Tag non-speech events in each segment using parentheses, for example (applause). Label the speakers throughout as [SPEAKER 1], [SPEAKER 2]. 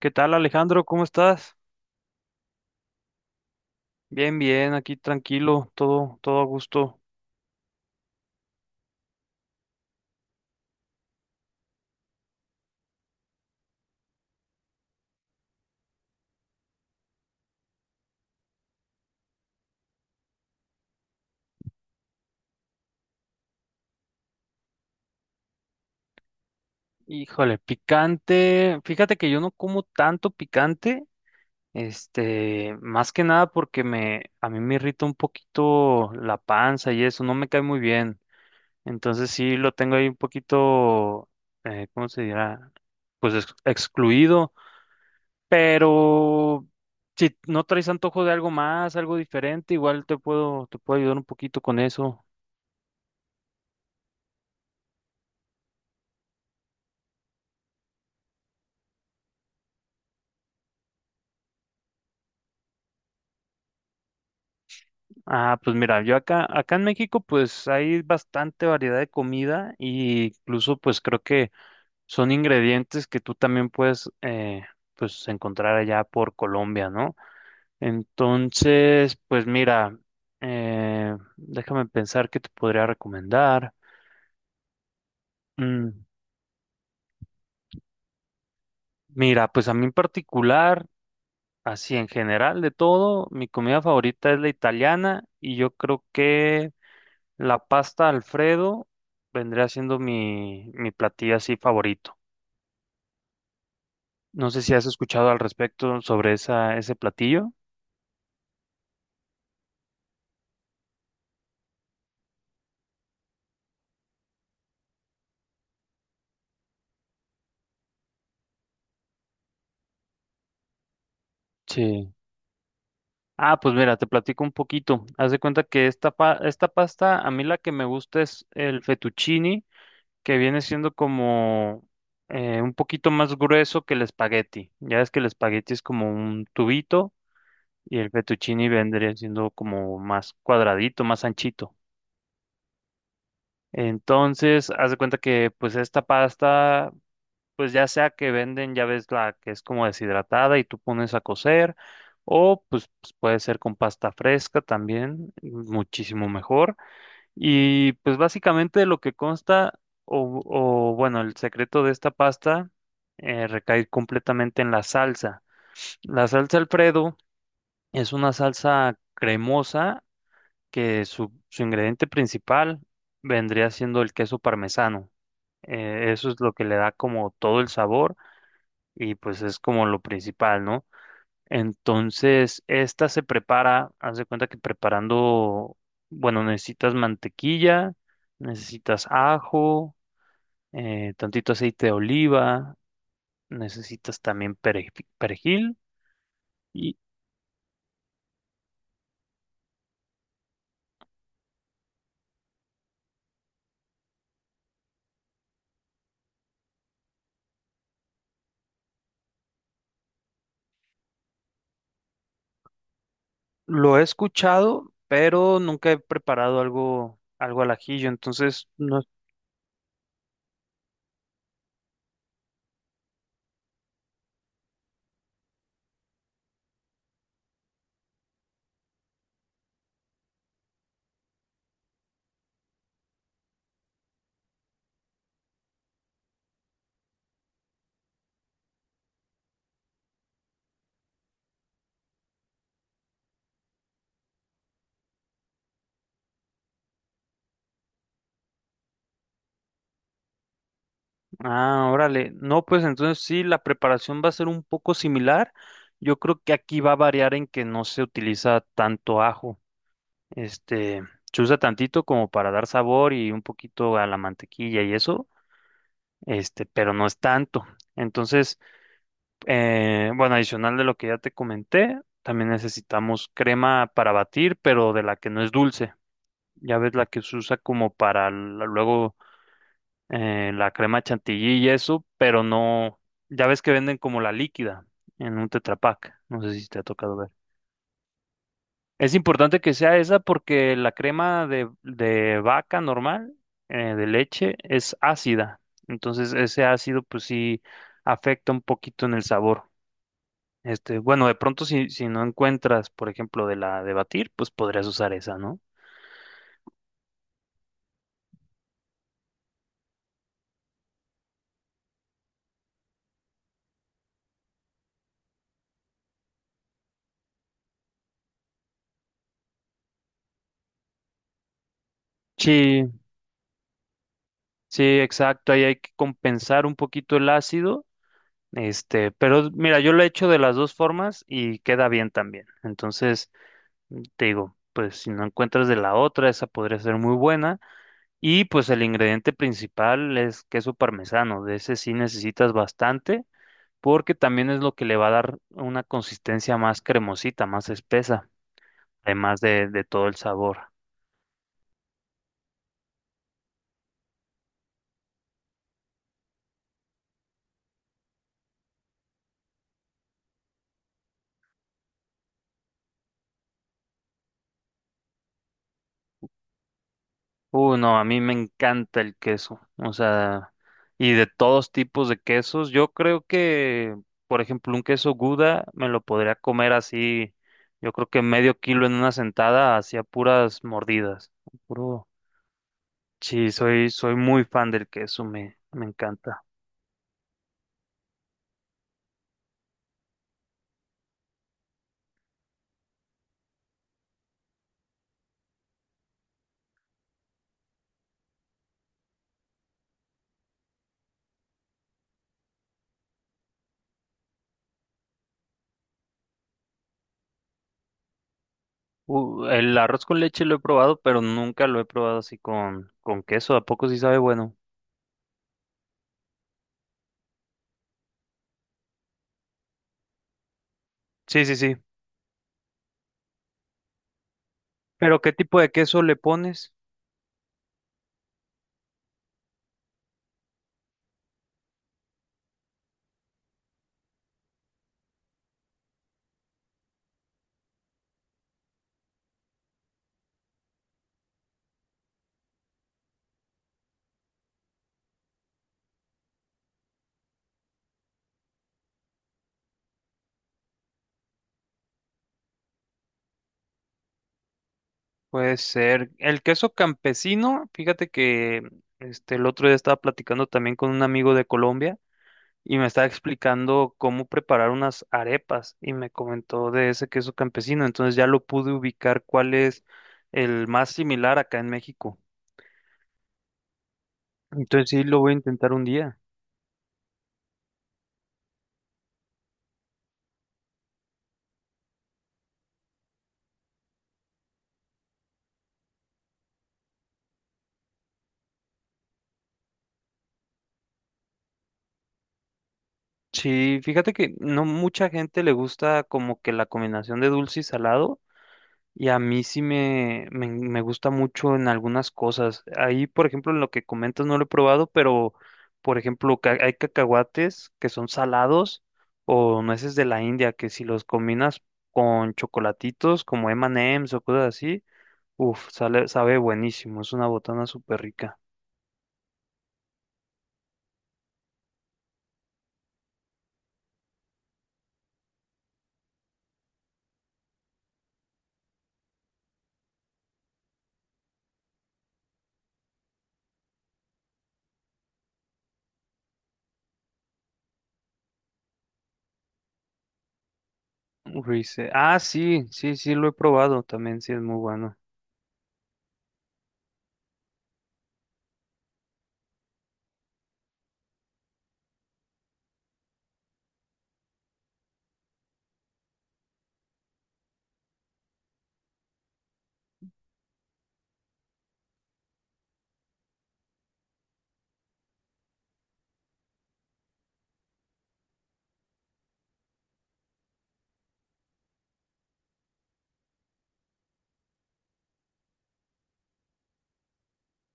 [SPEAKER 1] ¿Qué tal, Alejandro? ¿Cómo estás? Bien, bien, aquí tranquilo, todo a gusto. Híjole, picante. Fíjate que yo no como tanto picante, este, más que nada a mí me irrita un poquito la panza y eso, no me cae muy bien. Entonces sí lo tengo ahí un poquito, ¿cómo se dirá? Pues excluido. Pero si no traes antojo de algo más, algo diferente, igual te puedo ayudar un poquito con eso. Ah, pues mira, yo acá en México pues hay bastante variedad de comida e incluso pues creo que son ingredientes que tú también puedes pues encontrar allá por Colombia, ¿no? Entonces, pues mira, déjame pensar qué te podría recomendar. Mm, mira, pues a mí en particular, así en general de todo, mi comida favorita es la italiana y yo creo que la pasta Alfredo vendría siendo mi platillo así favorito. No sé si has escuchado al respecto sobre ese platillo. Sí. Ah, pues mira, te platico un poquito. Haz de cuenta que esta pasta, a mí la que me gusta es el fettuccine, que viene siendo como un poquito más grueso que el espagueti. Ya ves que el espagueti es como un tubito y el fettuccine vendría siendo como más cuadradito, más anchito. Entonces, haz de cuenta que pues esta pasta, pues ya sea que venden, ya ves la que es como deshidratada y tú pones a cocer, o puede ser con pasta fresca también, muchísimo mejor. Y pues básicamente lo que o, bueno, el secreto de esta pasta recae completamente en la salsa. La salsa Alfredo es una salsa cremosa que su ingrediente principal vendría siendo el queso parmesano. Eso es lo que le da como todo el sabor y pues es como lo principal, ¿no? Entonces, esta se prepara, haz de cuenta que preparando, bueno, necesitas mantequilla, necesitas ajo, tantito aceite de oliva, necesitas también perejil y lo he escuchado, pero nunca he preparado algo, algo al ajillo, entonces no. Ah, órale. No, pues entonces sí, la preparación va a ser un poco similar. Yo creo que aquí va a variar en que no se utiliza tanto ajo. Este, se usa tantito como para dar sabor y un poquito a la mantequilla y eso, este, pero no es tanto. Entonces, bueno, adicional de lo que ya te comenté, también necesitamos crema para batir, pero de la que no es dulce. Ya ves la que se usa como para luego la crema chantilly y eso, pero no, ya ves que venden como la líquida en un Tetra Pak, no sé si te ha tocado ver. Es importante que sea esa porque la crema de vaca normal, de leche, es ácida, entonces ese ácido pues sí afecta un poquito en el sabor. Este, bueno, de pronto si no encuentras, por ejemplo, de la de batir, pues podrías usar esa, ¿no? Sí, sí, exacto. Ahí hay que compensar un poquito el ácido. Este, pero mira, yo lo he hecho de las dos formas y queda bien también. Entonces, te digo, pues si no encuentras de la otra, esa podría ser muy buena. Y pues el ingrediente principal es queso parmesano. De ese sí necesitas bastante, porque también es lo que le va a dar una consistencia más cremosita, más espesa, además de todo el sabor. No, a mí me encanta el queso, o sea, y de todos tipos de quesos. Yo creo que, por ejemplo, un queso Gouda me lo podría comer así, yo creo que medio kilo en una sentada, hacia puras mordidas. Puro. Sí, soy muy fan del queso, me encanta. El arroz con leche lo he probado, pero nunca lo he probado así con queso. ¿A poco sí sabe bueno? Sí, sí, sí. ¿Pero qué tipo de queso le pones? Puede ser. El queso campesino, fíjate que este, el otro día estaba platicando también con un amigo de Colombia y me estaba explicando cómo preparar unas arepas y me comentó de ese queso campesino. Entonces ya lo pude ubicar cuál es el más similar acá en México. Entonces sí, lo voy a intentar un día. Sí, fíjate que no mucha gente le gusta como que la combinación de dulce y salado. Y a mí sí me gusta mucho en algunas cosas. Ahí, por ejemplo, en lo que comentas no lo he probado, pero, por ejemplo, hay cacahuates que son salados o nueces de la India, que si los combinas con chocolatitos como M&M's o cosas así, uff, sale, sabe buenísimo. Es una botana súper rica. Rice- Ah, sí, sí, sí, lo he probado también, sí, es muy bueno.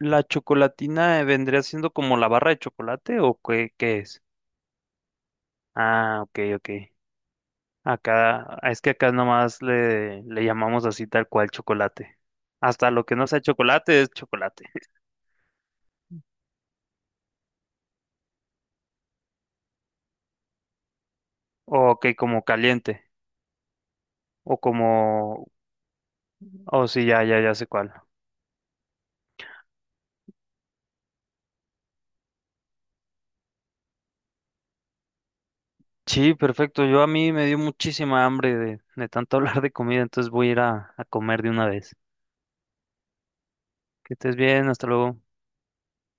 [SPEAKER 1] ¿La chocolatina vendría siendo como la barra de chocolate o qué, qué es? Ah, ok, ok. Acá, es que acá nomás le llamamos así tal cual chocolate. Hasta lo que no sea chocolate es chocolate. (laughs) O que como caliente. O como... O sí, ya, ya, ya sé cuál. Sí, perfecto. Yo a mí me dio muchísima hambre de tanto (laughs) hablar de comida, entonces voy a ir a comer de una vez. Que estés bien, hasta luego.